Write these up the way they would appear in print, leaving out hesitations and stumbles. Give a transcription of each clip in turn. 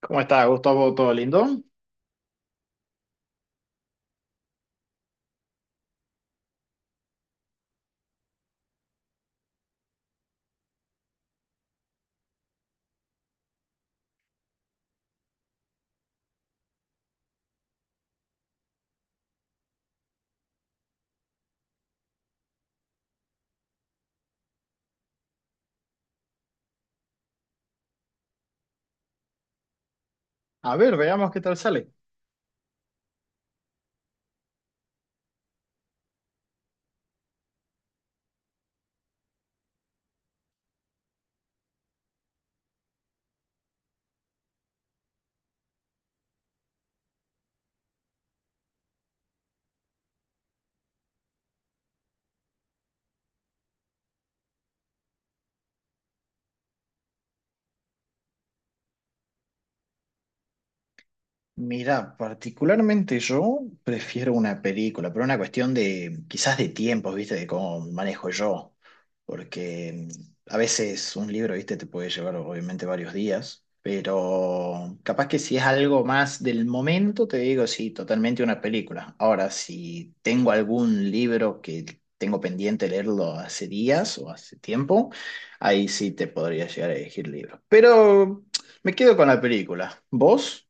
¿Cómo está, Gustavo? ¿Todo lindo? A ver, veamos qué tal sale. Mira, particularmente yo prefiero una película, pero una cuestión de quizás de tiempos, ¿viste? De cómo me manejo yo, porque a veces un libro, ¿viste? Te puede llevar obviamente varios días, pero capaz que si es algo más del momento, te digo, sí, totalmente una película. Ahora, si tengo algún libro que tengo pendiente leerlo hace días o hace tiempo, ahí sí te podría llegar a elegir libro. Pero me quedo con la película. ¿Vos?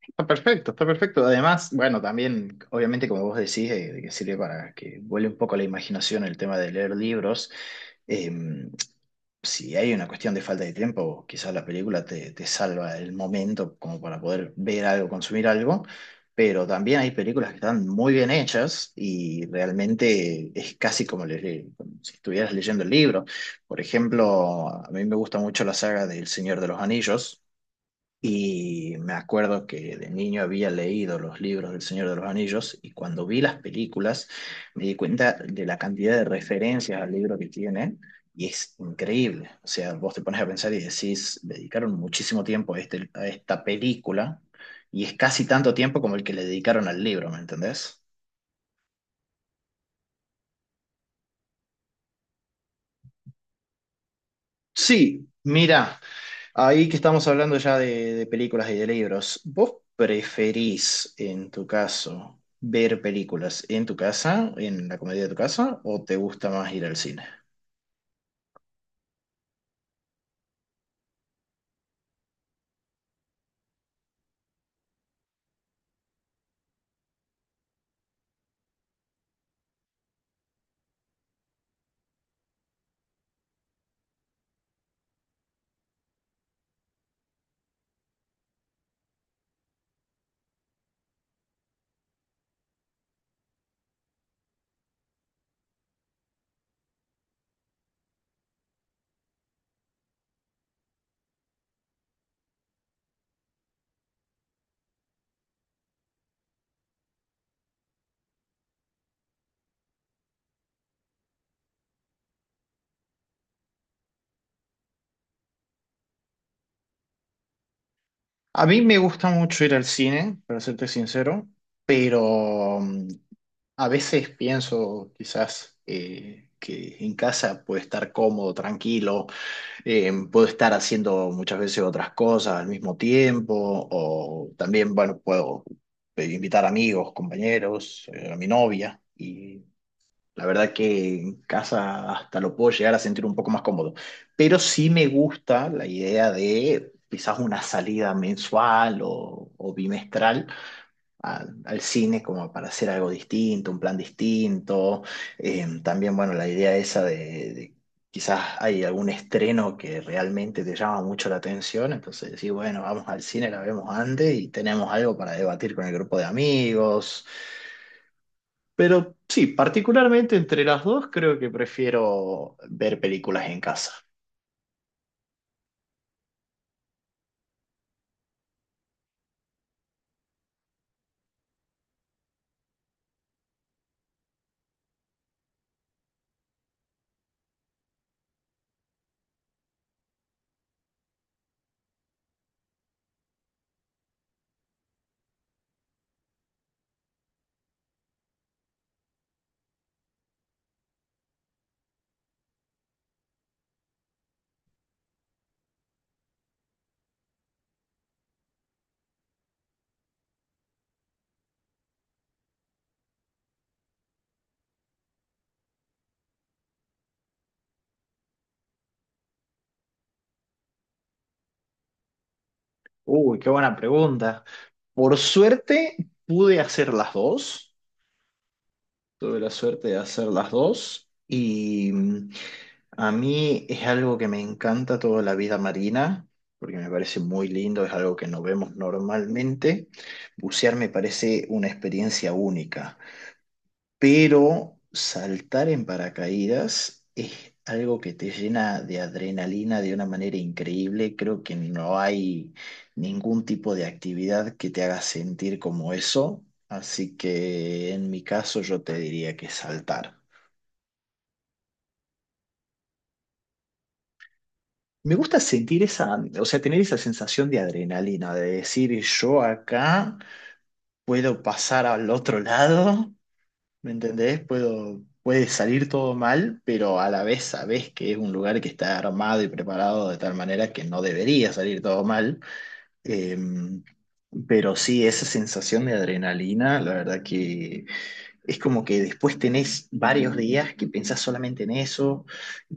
Está perfecto, está perfecto. Además, bueno, también, obviamente, como vos decís, de que sirve para que vuele un poco la imaginación el tema de leer libros. Eh, si hay una cuestión de falta de tiempo, quizás la película te salva el momento como para poder ver algo, consumir algo, pero también hay películas que están muy bien hechas y realmente es casi como, como si estuvieras leyendo el libro. Por ejemplo, a mí me gusta mucho la saga del Señor de los Anillos. Y me acuerdo que de niño había leído los libros del Señor de los Anillos y cuando vi las películas me di cuenta de la cantidad de referencias al libro que tienen y es increíble. O sea, vos te pones a pensar y decís, dedicaron muchísimo tiempo a, este, a esta película y es casi tanto tiempo como el que le dedicaron al libro, ¿me entendés? Sí, mira. Ahí que estamos hablando ya de películas y de libros, ¿vos preferís, en tu caso, ver películas en tu casa, en la comedia de tu casa, o te gusta más ir al cine? A mí me gusta mucho ir al cine, para serte sincero, pero a veces pienso quizás que en casa puede estar cómodo, tranquilo. Puedo estar haciendo muchas veces otras cosas al mismo tiempo, o también, bueno, puedo invitar amigos, compañeros, a mi novia, y la verdad que en casa hasta lo puedo llegar a sentir un poco más cómodo. Pero sí me gusta la idea de quizás una salida mensual o bimestral al cine como para hacer algo distinto, un plan distinto. También, bueno, la idea esa de quizás hay algún estreno que realmente te llama mucho la atención, entonces decís, bueno, vamos al cine, la vemos antes y tenemos algo para debatir con el grupo de amigos. Pero sí, particularmente entre las dos creo que prefiero ver películas en casa. Uy, qué buena pregunta. Por suerte pude hacer las dos. Tuve la suerte de hacer las dos y a mí es algo que me encanta toda la vida marina, porque me parece muy lindo, es algo que no vemos normalmente. Bucear me parece una experiencia única, pero saltar en paracaídas es algo que te llena de adrenalina de una manera increíble. Creo que no hay ningún tipo de actividad que te haga sentir como eso, así que en mi caso yo te diría que saltar. Me gusta sentir esa, o sea, tener esa sensación de adrenalina, de decir yo acá puedo pasar al otro lado. ¿Me entendés? Puedo, puede salir todo mal, pero a la vez sabés que es un lugar que está armado y preparado de tal manera que no debería salir todo mal. Eh, pero sí, esa sensación de adrenalina, la verdad que es como que después tenés varios días que pensás solamente en eso,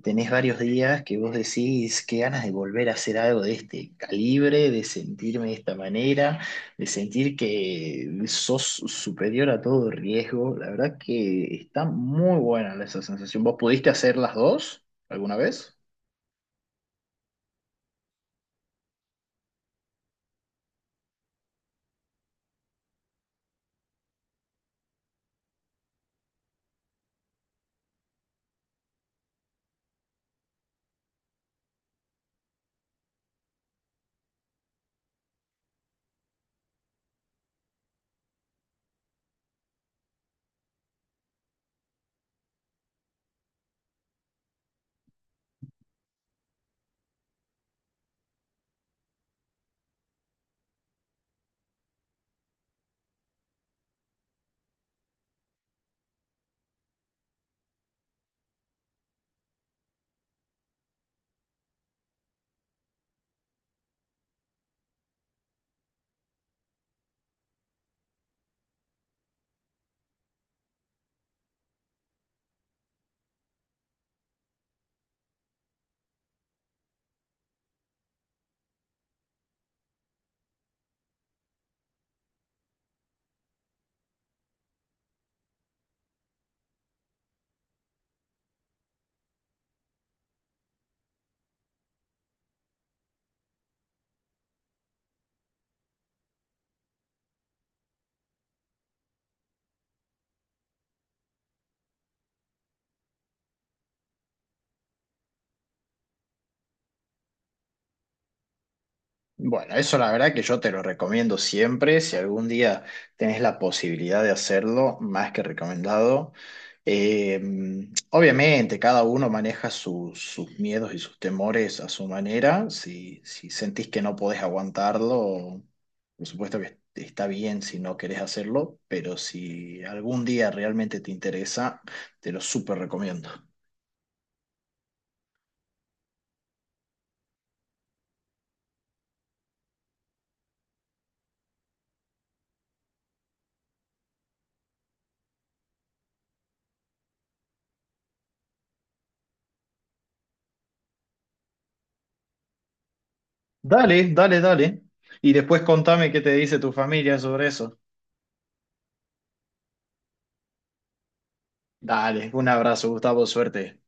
tenés varios días que vos decís qué ganas de volver a hacer algo de este calibre, de sentirme de esta manera, de sentir que sos superior a todo riesgo. La verdad que está muy buena esa sensación. ¿Vos pudiste hacer las dos alguna vez? Bueno, eso la verdad que yo te lo recomiendo siempre. Si algún día tenés la posibilidad de hacerlo, más que recomendado. Eh, Obviamente, cada uno maneja sus miedos y sus temores a su manera. Si sentís que no podés aguantarlo, por supuesto que está bien si no querés hacerlo, pero si algún día realmente te interesa, te lo súper recomiendo. Dale, dale, dale. Y después contame qué te dice tu familia sobre eso. Dale, un abrazo, Gustavo, suerte.